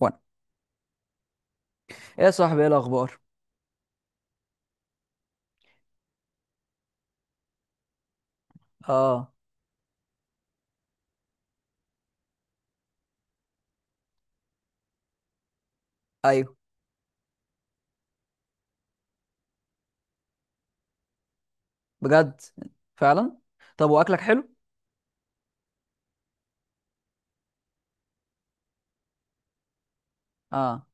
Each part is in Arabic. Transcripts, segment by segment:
وانا، ايه يا صاحبي، ايه الاخبار؟ اه. ايوه. بجد. فعلا. طب واكلك حلو؟ اه.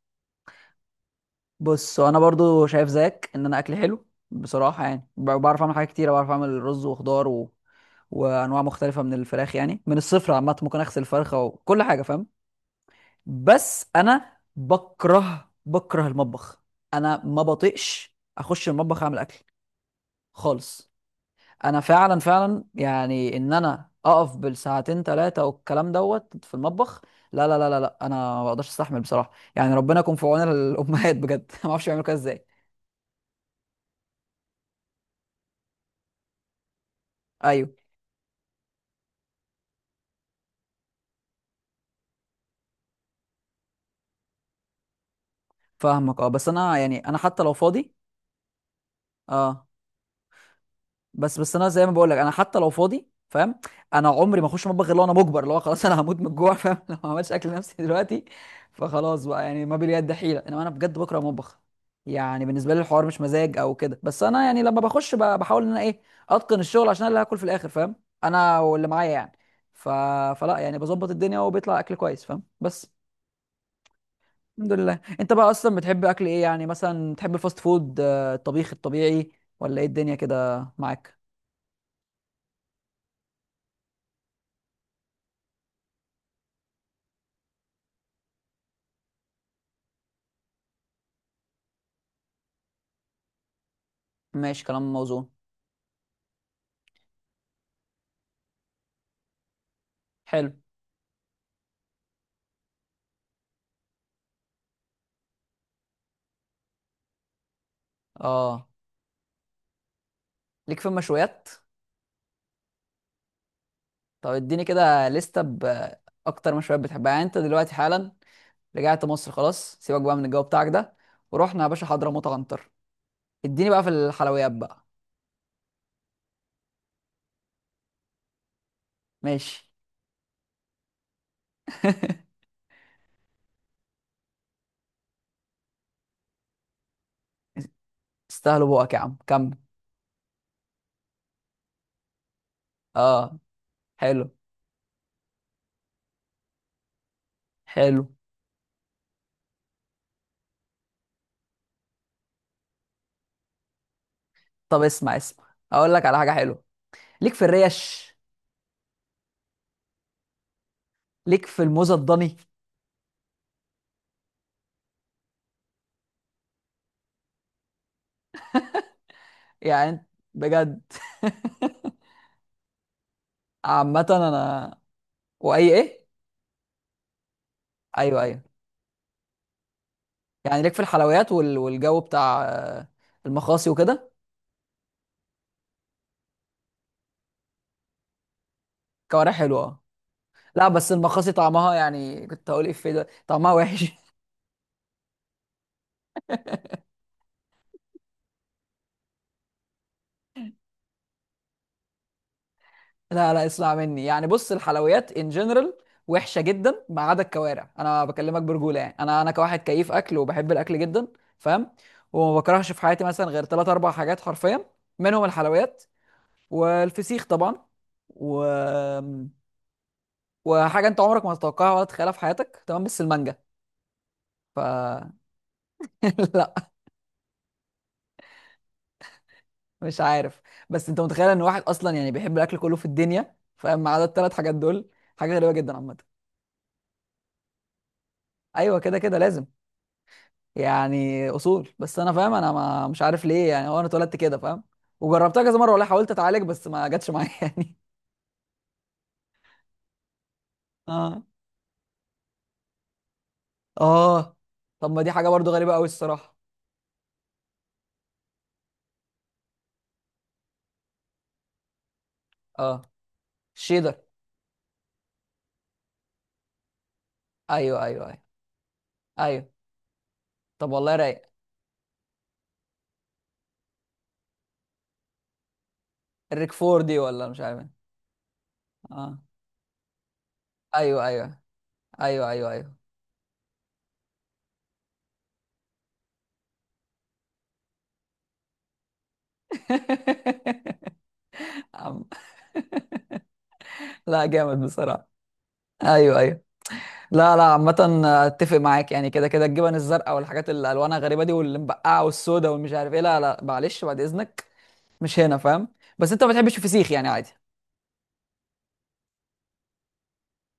بص، انا برضو شايف زيك ان انا اكلي حلو. بصراحه يعني بعرف اعمل حاجات كتيره، بعرف اعمل رز وخضار وانواع مختلفه من الفراخ. يعني من الصفر عامه، ممكن اغسل فرخه وكل حاجه، فاهم؟ بس انا بكره المطبخ. انا ما بطيقش اخش المطبخ اعمل اكل خالص. انا فعلا يعني ان انا اقف بالساعتين ثلاثه والكلام دوت في المطبخ، لا لا لا لا لا، انا ما بقدرش استحمل بصراحه. يعني ربنا يكون في عون الامهات بجد ما اعرفش يعملوا كده ازاي. ايوه. فاهمك. اه بس انا يعني انا حتى لو فاضي. اه. بس انا زي ما بقول لك، انا حتى لو فاضي، فاهم؟ انا عمري ما اخش مطبخ الا وانا مجبر، اللي هو خلاص انا هموت من الجوع، فاهم؟ لو ما عملتش اكل لنفسي دلوقتي. فخلاص بقى، يعني ما باليد حيله، انما انا بجد بكره المطبخ. يعني بالنسبه لي الحوار مش مزاج او كده، بس انا يعني لما بخش بحاول ان انا ايه، اتقن الشغل عشان أنا اللي هاكل في الاخر، فاهم؟ انا واللي معايا يعني. ف... فلا يعني بظبط الدنيا وبيطلع اكل كويس، فاهم؟ بس الحمد لله. انت بقى اصلا بتحب اكل ايه؟ يعني مثلا بتحب الفاست فود، الطبيخ الطبيعي، ولا ايه الدنيا كده معاك؟ ماشي، كلام موزون. حلو. اه، ليك في المشويات؟ طب اديني كده لستة بأكتر مشويات بتحبها. يعني انت دلوقتي حالا رجعت مصر خلاص، سيبك بقى من الجو بتاعك ده، ورحنا يا باشا حضرموت عنتر. اديني بقى في الحلويات بقى. ماشي. استاهلوا بقك يا عم، كمل. اه. حلو. حلو. طب اسمع اسمع، اقول لك على حاجة حلوة. ليك في الريش؟ ليك في الموزة الضني؟ يعني انت، بجد؟ عامة انا، واي ايه؟ ايوه، ايوه. يعني ليك في الحلويات والجو بتاع، المخاصي وكده؟ كوارع حلوه، اه. لا بس المخاصي طعمها، يعني كنت هقول ايه في ده، طعمها وحش لا لا، اسمع مني يعني. بص، الحلويات ان جنرال وحشه جدا ما عدا الكوارع. انا بكلمك برجوله، يعني انا كواحد كيف اكل، وبحب الاكل جدا، فاهم؟ وما بكرهش في حياتي مثلا غير ثلاث اربع حاجات حرفيا. منهم الحلويات، والفسيخ طبعا، و... وحاجه انت عمرك ما تتوقعها ولا تتخيلها في حياتك، تمام؟ بس المانجا. ف لا. مش عارف. بس انت متخيل ان واحد اصلا يعني بيحب الاكل كله في الدنيا، فما عدا الثلاث حاجات دول؟ حاجه غريبه جدا عامه. ايوه كده، كده لازم. يعني اصول، بس انا فاهم انا ما مش عارف ليه، يعني هو انا اتولدت كده، فاهم؟ وجربتها كذا مره، والله حاولت اتعالج بس ما جاتش معايا يعني. اه. اه. طب ما دي حاجه برضو غريبه قوي الصراحه. اه، الشيدر. ايوه ايوه ايوه ايوه. طب والله رايق. الريك فور دي ولا مش عارف ايه. اه. ايوه ايوه ايوه ايوه ايوه عم- لا، جامد بصراحه. ايوه ايوه. لا لا، عامة اتفق معاك. يعني كده كده الجبن الزرقاء والحاجات اللي الوانها غريبة دي، والمبقعة والسودا والمش عارف ايه، لا لا، معلش، بعد اذنك، مش هنا، فاهم؟ بس انت ما بتحبش الفسيخ يعني، عادي.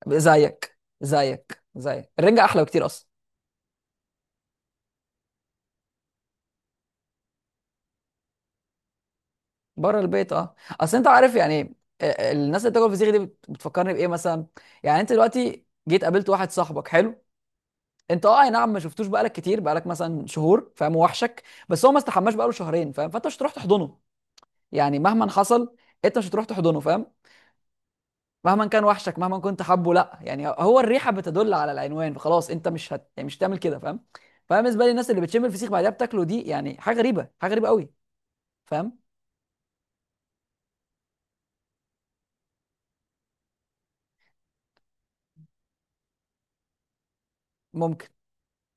زيك زيك زيك، الرنجة احلى بكتير اصلا. بره البيت اه. اصل انت عارف يعني، الناس اللي بتاكل فسيخ دي بتفكرني بايه مثلا؟ يعني انت دلوقتي جيت قابلت واحد صاحبك حلو، انت اه اي نعم، ما شفتوش بقالك كتير، بقالك مثلا شهور، فاهم؟ وحشك. بس هو ما استحماش بقاله شهرين، فاهم؟ فانت مش هتروح تحضنه، يعني مهما حصل انت مش هتروح تحضنه، فاهم؟ مهما كان وحشك، مهما كنت حبه، لا، يعني هو الريحه بتدل على العنوان، فخلاص انت مش هت... يعني مش هتعمل كده، فاهم؟ فانا بالنسبه لي الناس اللي بتشم الفسيخ بعدها بتاكله دي، يعني حاجه غريبه، حاجه غريبه قوي، فاهم؟ ممكن.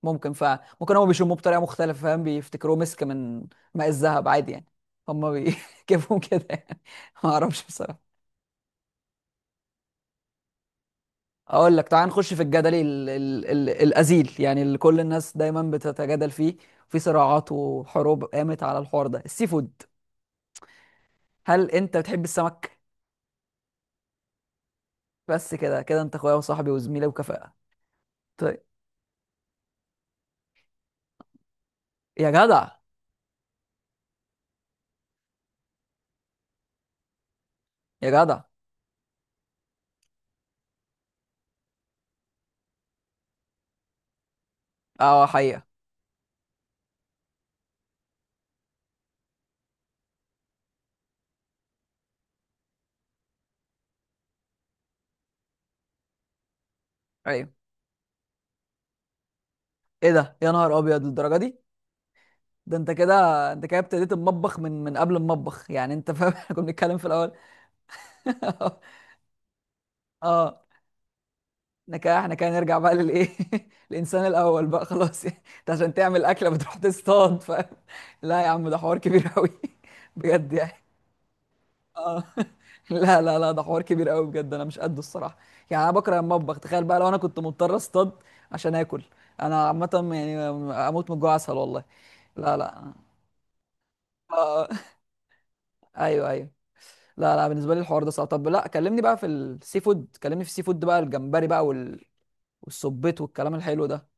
ممكن. فممكن هم بيشموه بطريقه مختلفه، فاهم؟ بيفتكروه مسك من ماء الذهب عادي يعني، هم بيجيبهم كده يعني. ما اعرفش بصراحه. اقول لك، تعال نخش في الجدل ال الازيل، يعني اللي كل الناس دايما بتتجادل فيه، في صراعات وحروب قامت على الحوار ده، السي فود. هل انت بتحب السمك؟ بس كده كده انت اخويا وصاحبي وزميلي وكفاءة. طيب. يا جدع. يا جدع. اه، حقيقة. ايوه. ايه ده، يا نهار ابيض، للدرجة دي؟ ده انت كده، انت كده ابتديت المطبخ من قبل المطبخ يعني، انت فاهم؟ إحنا كنا بنتكلم في الاول. اه. احنا كده، نرجع بقى للايه، الانسان الاول بقى خلاص يعني انت عشان تعمل اكله بتروح تصطاد، فاهم؟ لا يا عم، ده حوار كبير قوي بجد يعني. اه. لا لا لا، ده حوار كبير قوي بجد، انا مش قده الصراحه. يعني انا بكره المطبخ، تخيل بقى لو انا كنت مضطر اصطاد عشان اكل. انا عامه يعني اموت من الجوع اسهل، والله. لا لا. اه. ايوه ايوه. لا لا، بالنسبه لي الحوار ده صعب. طب لا كلمني بقى في السي فود، كلمني في السي فود بقى، الجمبري بقى والسبيط والكلام الحلو ده.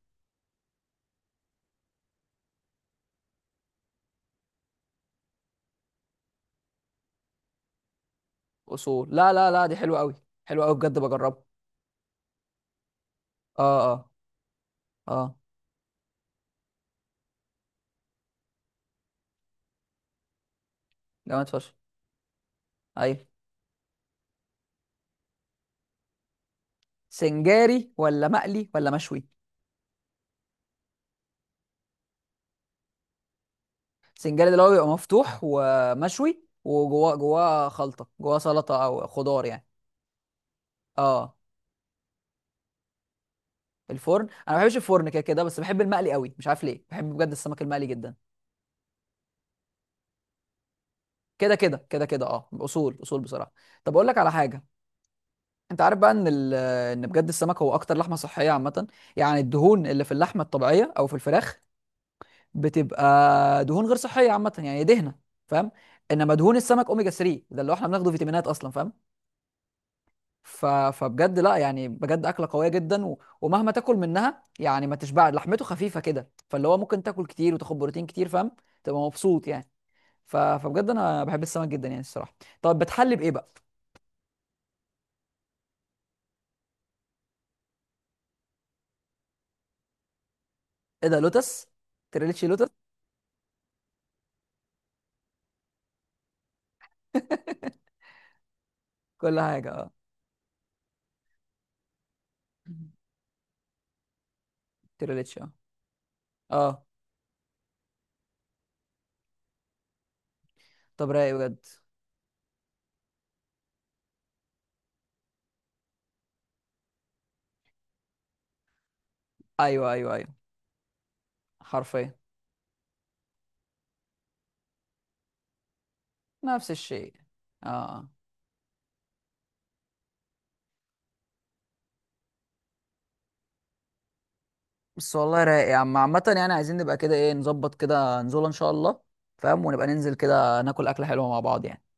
اصول، لا لا لا، دي حلوه قوي، حلوه قوي بجد، بجربها. اه. اه. اه. جامد فشخ. ايوه. سنجاري ولا مقلي ولا مشوي؟ سنجاري ده اللي هو بيبقى مفتوح ومشوي، وجواه خلطه، جواه سلطه او خضار يعني. اه. الفرن انا ما بحبش الفرن كده كده، بس بحب المقلي قوي، مش عارف ليه، بحب بجد السمك المقلي جدا. كده كده اه، اصول بصراحه. طب اقول لك على حاجه، انت عارف بقى ان ان بجد السمك هو اكتر لحمه صحيه عامه؟ يعني الدهون اللي في اللحمه الطبيعيه او في الفراخ بتبقى دهون غير صحيه عامه، يعني دهنه، فاهم؟ انما دهون السمك، اوميجا 3 ده اللي هو احنا بناخده فيتامينات اصلا، فاهم؟ فبجد لا، يعني بجد اكله قويه جدا، ومهما تاكل منها يعني ما تشبع، لحمته خفيفه كده، فاللي هو ممكن تاكل كتير وتاخد بروتين كتير، فاهم؟ تبقى مبسوط يعني. فبجد انا بحب السمك جدا يعني الصراحه. طب بتحلي بايه بقى؟ ايه ده، لوتس؟ تريليتشي لوتس؟ كل حاجه، اه. تريليتشي، اه. اه. طب رايق بجد. ايوه ايوه ايوه، حرفيا، نفس الشيء. اه. بس والله رايق يا عم عامة، يعني عايزين نبقى كده ايه، نظبط كده نزوله ان شاء الله، فاهم؟ ونبقى ننزل كده ناكل اكلة حلوة مع بعض يعني.